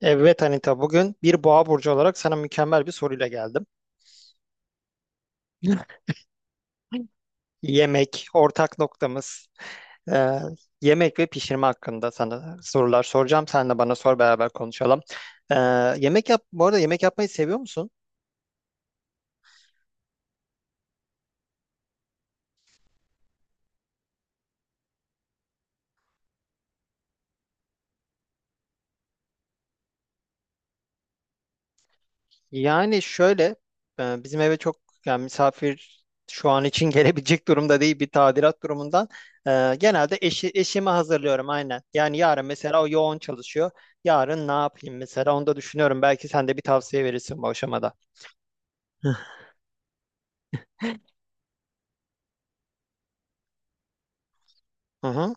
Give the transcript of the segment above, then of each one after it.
Evet Anita, bugün bir boğa burcu olarak sana mükemmel bir soruyla geldim. Yemek, ortak noktamız, e, yemek ve pişirme hakkında sana sorular soracağım. Sen de bana sor, beraber konuşalım. E, Yemek yap, bu arada yemek yapmayı seviyor musun? Yani şöyle, bizim eve çok, yani misafir şu an için gelebilecek durumda değil, bir tadilat durumundan. Genelde eşimi hazırlıyorum aynen. Yani yarın mesela o yoğun çalışıyor. Yarın ne yapayım mesela, onu da düşünüyorum. Belki sen de bir tavsiye verirsin bu aşamada. Hı hı.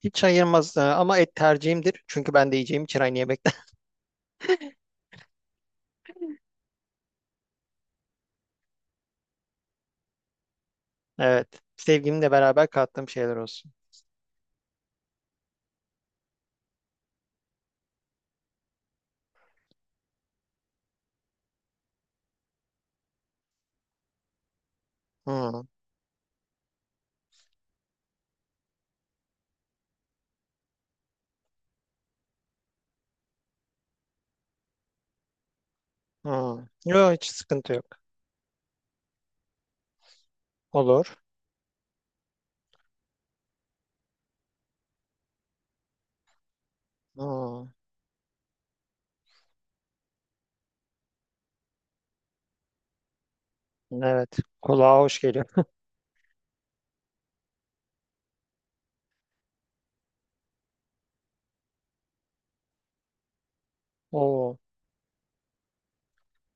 Hiç ayırmaz, ama et tercihimdir. Çünkü ben de yiyeceğim için aynı yemekten. Evet. Sevgimle beraber kattığım şeyler olsun. Hı, hı. Yok, hiç sıkıntı yok. Olur. Hı. Evet. Kulağa hoş geliyor. Oo.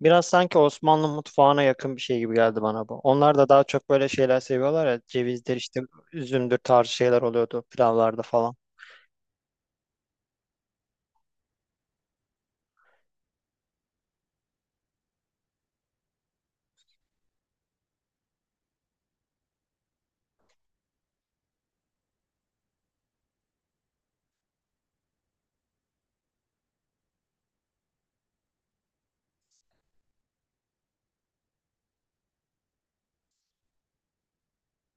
Biraz sanki Osmanlı mutfağına yakın bir şey gibi geldi bana bu. Onlar da daha çok böyle şeyler seviyorlar ya. Cevizdir işte, üzümdür tarzı şeyler oluyordu pilavlarda falan.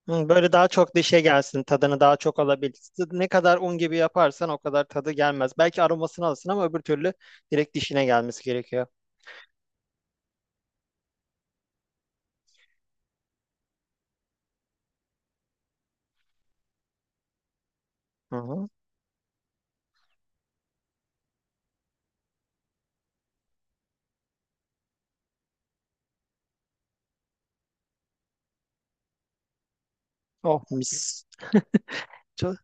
Hı, böyle daha çok dişe gelsin, tadını daha çok alabilirsin. Ne kadar un gibi yaparsan o kadar tadı gelmez. Belki aromasını alırsın ama öbür türlü direkt dişine gelmesi gerekiyor. Hı hı. Oh mis. Çok-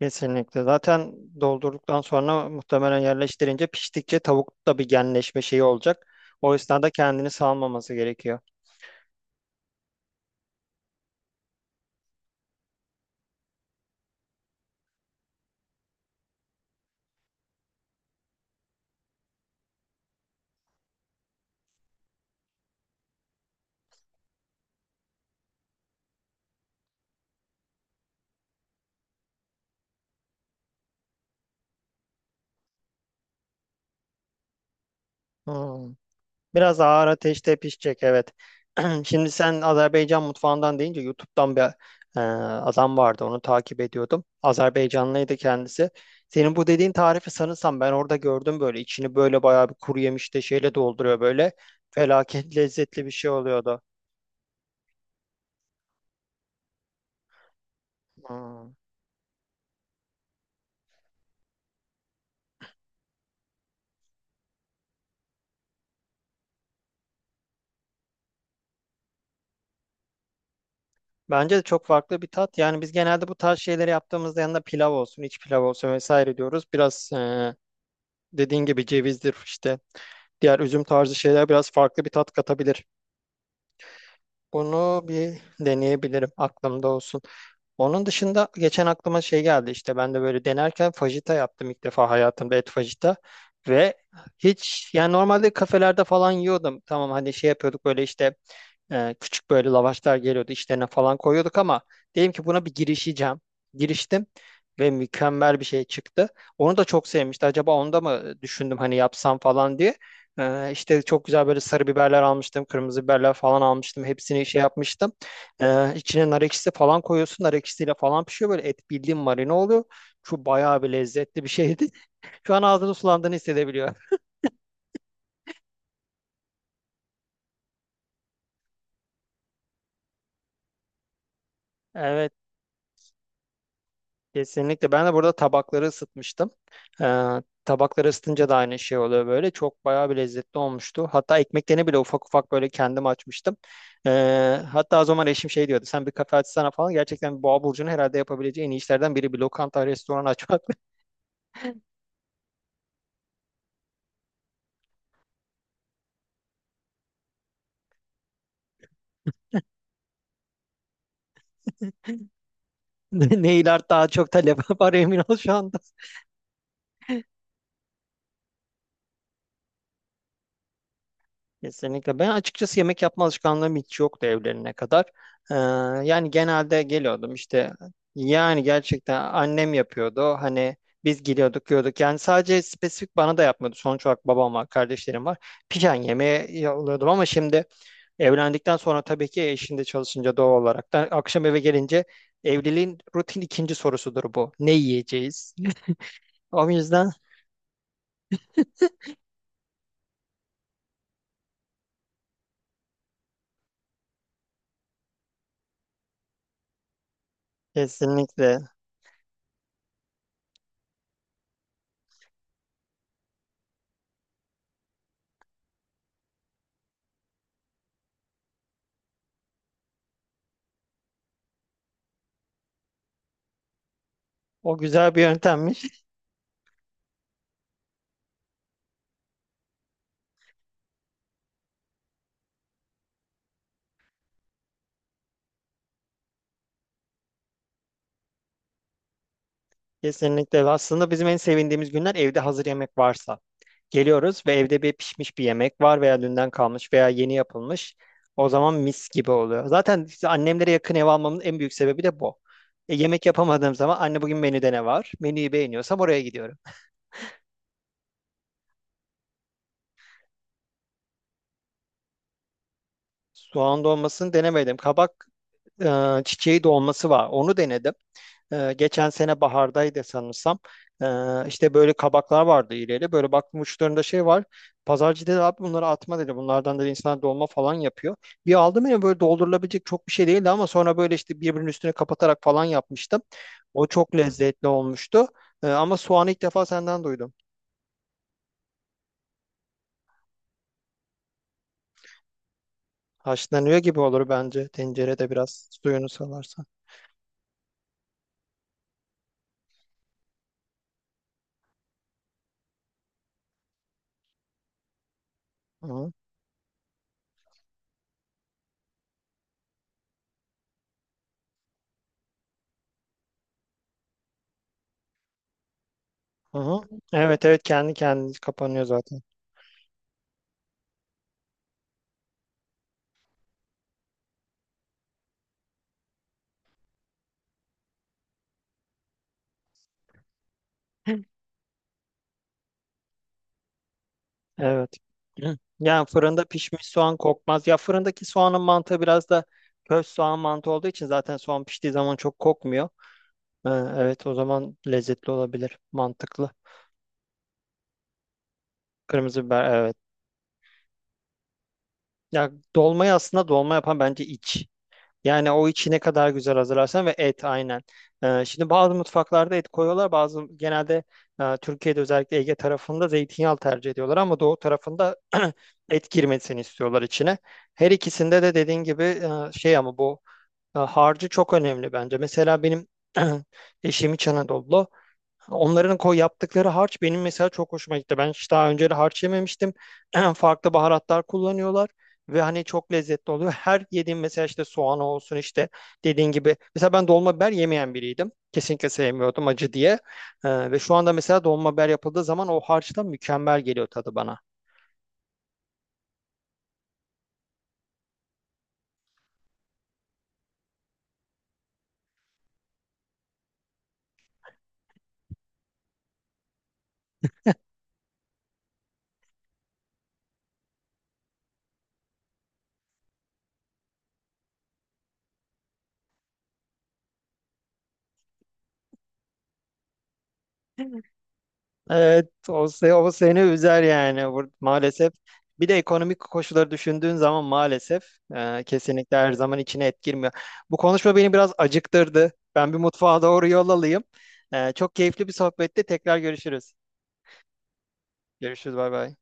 kesinlikle. Zaten doldurduktan sonra muhtemelen yerleştirince, piştikçe tavukta bir genleşme şeyi olacak. O esnada kendini salmaması gerekiyor. Hmm. Biraz ağır ateşte pişecek, evet. Şimdi sen Azerbaycan mutfağından deyince, YouTube'dan bir, adam vardı. Onu takip ediyordum. Azerbaycanlıydı kendisi. Senin bu dediğin tarifi sanırsam ben orada gördüm böyle. İçini böyle bayağı bir kuru yemişte şeyle dolduruyor böyle. Felaket lezzetli bir şey oluyordu. Hmm. Bence de çok farklı bir tat. Yani biz genelde bu tarz şeyleri yaptığımızda, yanında pilav olsun, iç pilav olsun vesaire diyoruz. Biraz, dediğin gibi cevizdir işte. Diğer üzüm tarzı şeyler biraz farklı bir tat katabilir. Bunu bir deneyebilirim. Aklımda olsun. Onun dışında geçen aklıma şey geldi işte. Ben de böyle denerken fajita yaptım, ilk defa hayatımda, et fajita. Ve hiç yani, normalde kafelerde falan yiyordum. Tamam, hani şey yapıyorduk, böyle işte küçük böyle lavaşlar geliyordu, içlerine falan koyuyorduk ama dedim ki buna bir girişeceğim. Giriştim ve mükemmel bir şey çıktı. Onu da çok sevmişti. Acaba onu da mı düşündüm hani, yapsam falan diye. İşte çok güzel böyle sarı biberler almıştım. Kırmızı biberler falan almıştım. Hepsini şey yapmıştım. İçine nar ekşisi falan koyuyorsun. Nar ekşisiyle falan pişiyor. Böyle et, bildiğin marine oluyor. Şu bayağı bir lezzetli bir şeydi. Şu an ağzını sulandığını hissedebiliyor. Evet. Kesinlikle. Ben de burada tabakları ısıtmıştım. Ee, Tabakları ısıtınca da aynı şey oluyor böyle. Çok bayağı bir lezzetli olmuştu. Hatta ekmeklerini bile ufak ufak böyle kendim açmıştım. Hatta o zaman eşim şey diyordu. Sen bir kafe açsana falan. Gerçekten Boğa Burcu'nun herhalde yapabileceği en iyi işlerden biri bir lokanta, restoran açmak. Ne iler daha çok talep var, emin ol şu anda. Kesinlikle. Ben açıkçası yemek yapma alışkanlığım hiç yoktu evlenene kadar. Ee, Yani genelde geliyordum işte, yani gerçekten annem yapıyordu. Hani biz geliyorduk, yiyorduk. Yani sadece spesifik bana da yapmıyordu. Sonuç olarak babam var, kardeşlerim var. Pijen yemeği yolluyordum ama şimdi, evlendikten sonra tabii ki, eşinde çalışınca doğal olarak da akşam eve gelince, evliliğin rutin ikinci sorusudur bu. Ne yiyeceğiz? O yüzden kesinlikle, o güzel bir yöntem. Kesinlikle. Aslında bizim en sevindiğimiz günler evde hazır yemek varsa. Geliyoruz ve evde bir pişmiş bir yemek var, veya dünden kalmış veya yeni yapılmış. O zaman mis gibi oluyor. Zaten işte annemlere yakın ev almamın en büyük sebebi de bu. Yemek yapamadığım zaman, anne bugün menüde ne var? Menüyü beğeniyorsam oraya gidiyorum. Soğan dolmasını denemedim. Kabak, çiçeği dolması var. Onu denedim. Geçen sene bahardaydı sanırsam. E, işte böyle kabaklar vardı ileri. Böyle baktım uçlarında şey var. Pazarcı dedi abi bunları atma dedi. Bunlardan da insanlar dolma falan yapıyor. Bir aldım ya, böyle doldurulabilecek çok bir şey değildi ama sonra böyle işte birbirinin üstüne kapatarak falan yapmıştım. O çok lezzetli olmuştu. Ama soğanı ilk defa senden duydum. Haşlanıyor gibi olur bence, tencerede biraz suyunu salarsan. Hı hı. Hı hı. Evet, evet, kendi kendini kapanıyor zaten. Evet. Hı. Yani fırında pişmiş soğan kokmaz. Ya fırındaki soğanın mantığı biraz da köz soğan mantığı olduğu için, zaten soğan piştiği zaman çok kokmuyor. Ha, evet, o zaman lezzetli olabilir. Mantıklı. Kırmızı biber, evet. Ya dolmayı aslında dolma yapan bence iç. Yani o içi ne kadar güzel hazırlarsan, ve et aynen. Şimdi bazı mutfaklarda et koyuyorlar. Bazı genelde, Türkiye'de özellikle Ege tarafında zeytinyağı tercih ediyorlar, ama doğu tarafında et girmesini istiyorlar içine. Her ikisinde de dediğin gibi, e, şey ama bu harcı çok önemli bence. Mesela benim eşim İç Anadolu. Onların koy yaptıkları harç benim mesela çok hoşuma gitti. Ben hiç daha önce de harç yememiştim. Farklı baharatlar kullanıyorlar ve hani çok lezzetli oluyor. Her yediğim mesela işte, soğan olsun işte, dediğin gibi. Mesela ben dolma biber yemeyen biriydim. Kesinlikle sevmiyordum acı diye. Ve şu anda mesela dolma biber yapıldığı zaman o harçtan mükemmel geliyor tadı bana. Evet, o seni üzer yani. Maalesef. Bir de ekonomik koşulları düşündüğün zaman, maalesef kesinlikle her zaman içine et girmiyor. Bu konuşma beni biraz acıktırdı. Ben bir mutfağa doğru yol alayım. Çok keyifli bir sohbetti. Tekrar görüşürüz. Görüşürüz, bay bay.